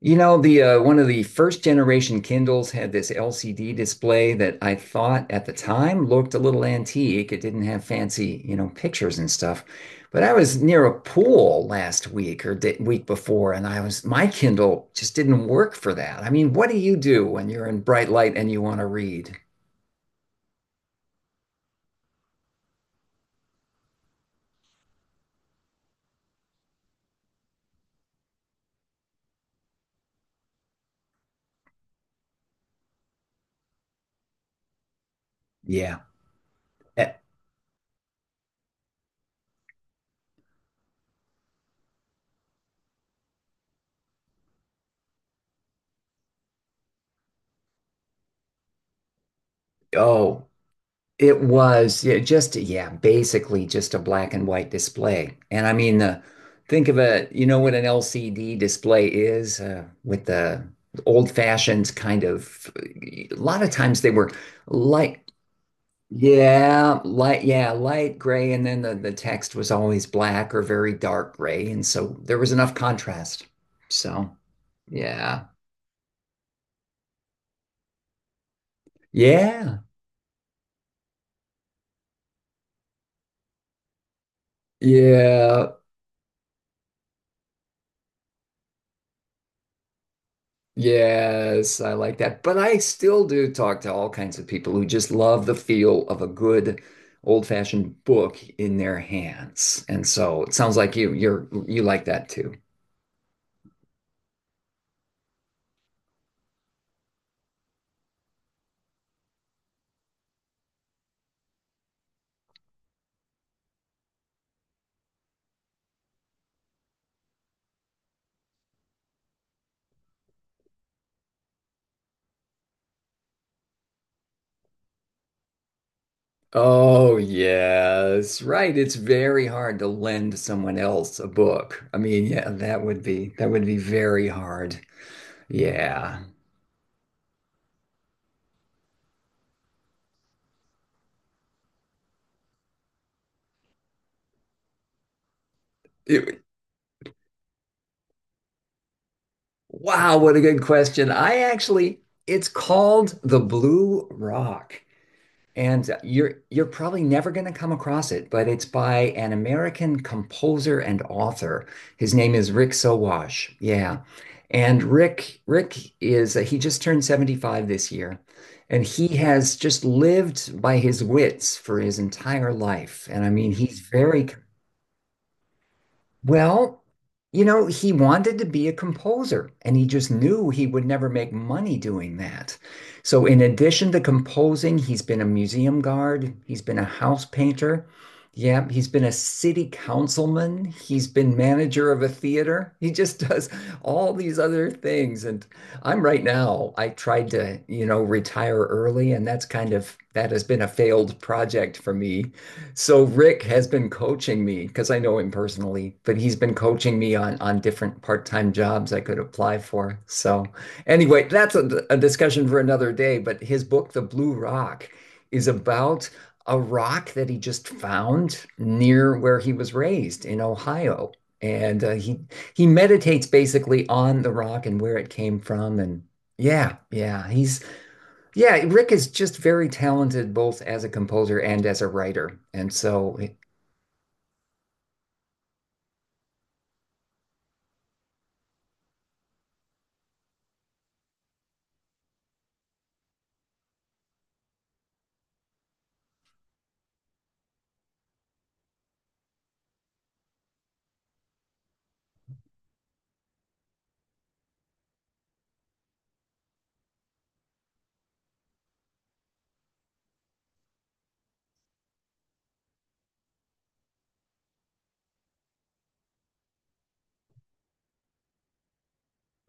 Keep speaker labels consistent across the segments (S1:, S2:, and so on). S1: You know, the One of the first generation Kindles had this LCD display that I thought at the time looked a little antique. It didn't have fancy, pictures and stuff. But I was near a pool last week or the week before, and I was my Kindle just didn't work for that. I mean, what do you do when you're in bright light and you want to read? Yeah. Eh. Oh. It was basically just a black and white display. And I mean the think of a, you know, what an LCD display is, with the old fashioned kind of. A lot of times they were light, light gray, and then the text was always black or very dark gray, and so there was enough contrast. So, yeah. Yeah. Yeah. Yes, I like that. But I still do talk to all kinds of people who just love the feel of a good old-fashioned book in their hands. And so it sounds like you like that too. Oh, yes, right. It's very hard to lend someone else a book. I mean, yeah, that would be very hard. Yeah. It- wow, what a good question. I actually, it's called The Blue Rock. And you're probably never going to come across it, but it's by an American composer and author. His name is Rick Sowash. Yeah. And Rick is, he just turned 75 this year, and he has just lived by his wits for his entire life. And I mean, he's very. Well, you know, he wanted to be a composer and he just knew he would never make money doing that. So, in addition to composing, he's been a museum guard, he's been a house painter. Yeah, he's been a city councilman, he's been manager of a theater. He just does all these other things. And I'm right now, I tried to, you know, retire early, and that's kind of that has been a failed project for me. So Rick has been coaching me because I know him personally, but he's been coaching me on different part-time jobs I could apply for. So anyway, that's a discussion for another day, but his book, The Blue Rock, is about a rock that he just found near where he was raised in Ohio. And he meditates basically on the rock and where it came from. And yeah, yeah, he's yeah, Rick is just very talented both as a composer and as a writer. And so,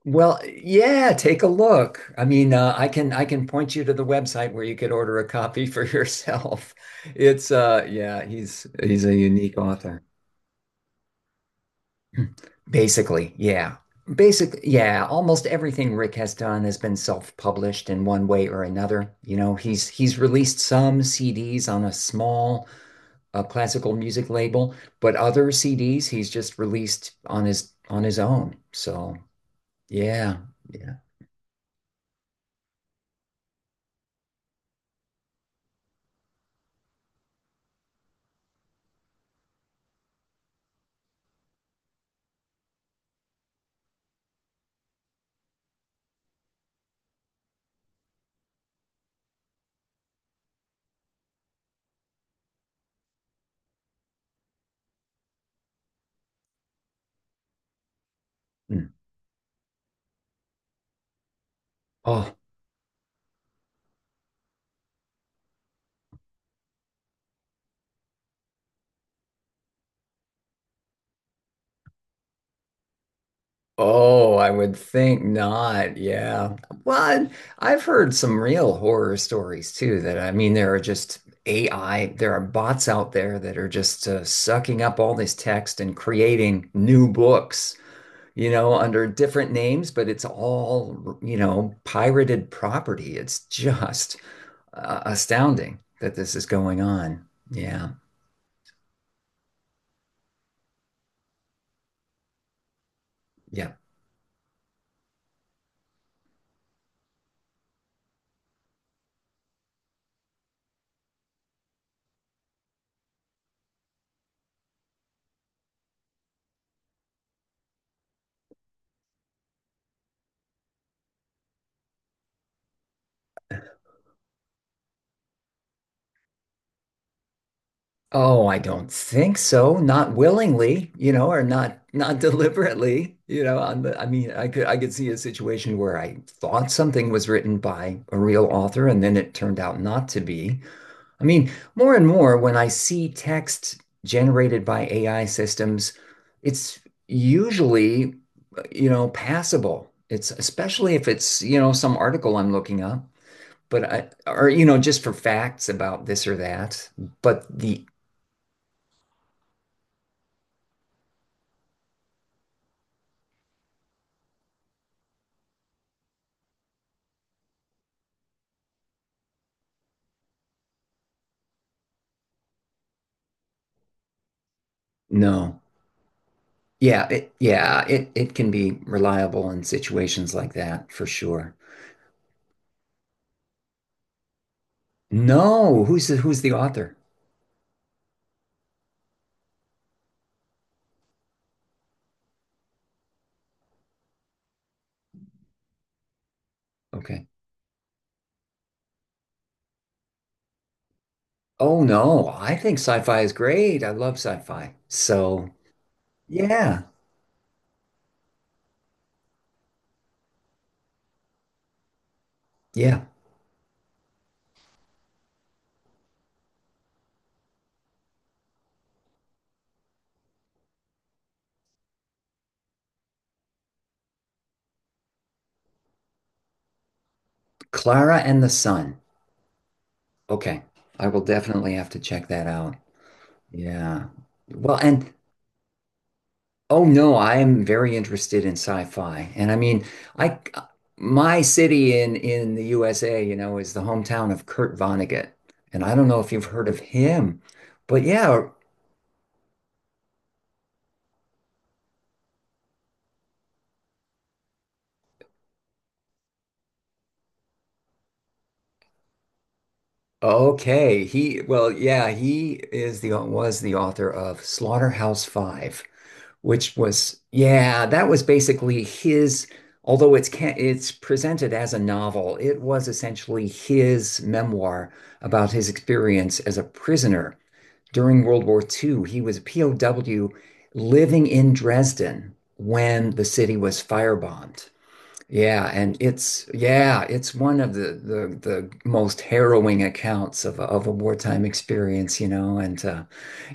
S1: well, yeah, take a look. I mean, I can, point you to the website where you could order a copy for yourself. It's yeah, he's a unique author. Basically, yeah. Basically, yeah, almost everything Rick has done has been self-published in one way or another. You know, he's released some CDs on a small, a classical music label, but other CDs he's just released on his, own. So yeah, yeah. Mm. Oh, oh, I would think not. Yeah. Well, I've heard some real horror stories too. That I mean, there are just AI, there are bots out there that are just, sucking up all this text and creating new books. You know, under different names, but it's all, you know, pirated property. It's just, astounding that this is going on. Yeah. Yeah. Oh, I don't think so. Not willingly, you know, or not deliberately, you know. I mean, I could, see a situation where I thought something was written by a real author and then it turned out not to be. I mean, more and more when I see text generated by AI systems, it's usually, you know, passable. It's Especially if it's, you know, some article I'm looking up. Or, you know, just for facts about this or that. But the No, yeah, yeah, it can be reliable in situations like that for sure. No, who's the author? Okay. Oh no, I think sci-fi is great. I love sci-fi. So yeah, yeah, Clara and the Sun. Okay, I will definitely have to check that out. Yeah. Well, and Oh no, I am very interested in sci-fi. And I mean, I my city in the USA, you know, is the hometown of Kurt Vonnegut. And I don't know if you've heard of him. But yeah, okay. He, well, yeah, he is the, was the author of Slaughterhouse Five, which was, yeah, that was basically his, although it's can it's presented as a novel. It was essentially his memoir about his experience as a prisoner during World War II. He was a POW living in Dresden when the city was firebombed. Yeah, and it's, yeah, it's one of the most harrowing accounts of of a wartime experience, you know. And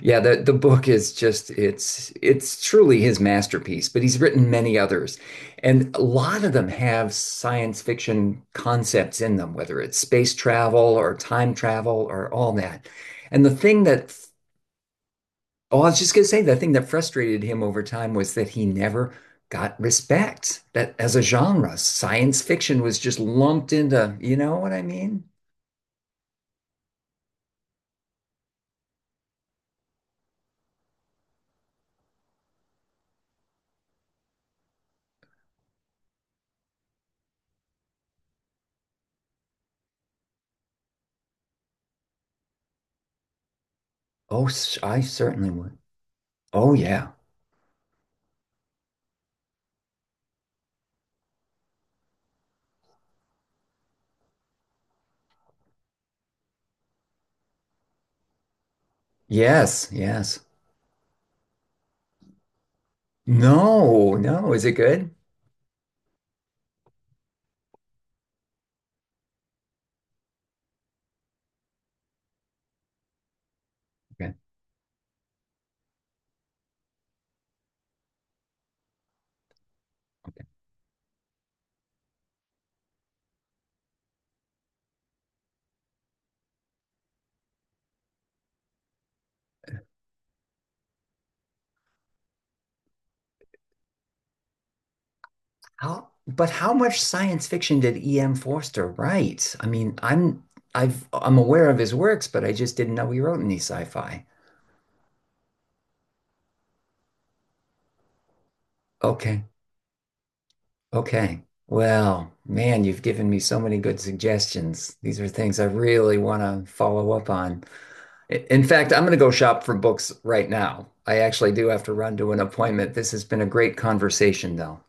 S1: yeah, the book is just, it's truly his masterpiece. But he's written many others, and a lot of them have science fiction concepts in them, whether it's space travel or time travel or all that. And the thing that Oh, I was just gonna say, the thing that frustrated him over time was that he never got respect that as a genre. Science fiction was just lumped into, you know what I mean? Oh, s- I certainly would. Oh yeah. Yes, yes. No, no. Is it good? Okay. Okay. How, but how much science fiction did E.M. Forster write? I mean, I'm aware of his works, but I just didn't know he wrote any sci-fi. Okay. Okay. Well, man, you've given me so many good suggestions. These are things I really want to follow up on. I- In fact, I'm going to go shop for books right now. I actually do have to run to an appointment. This has been a great conversation, though.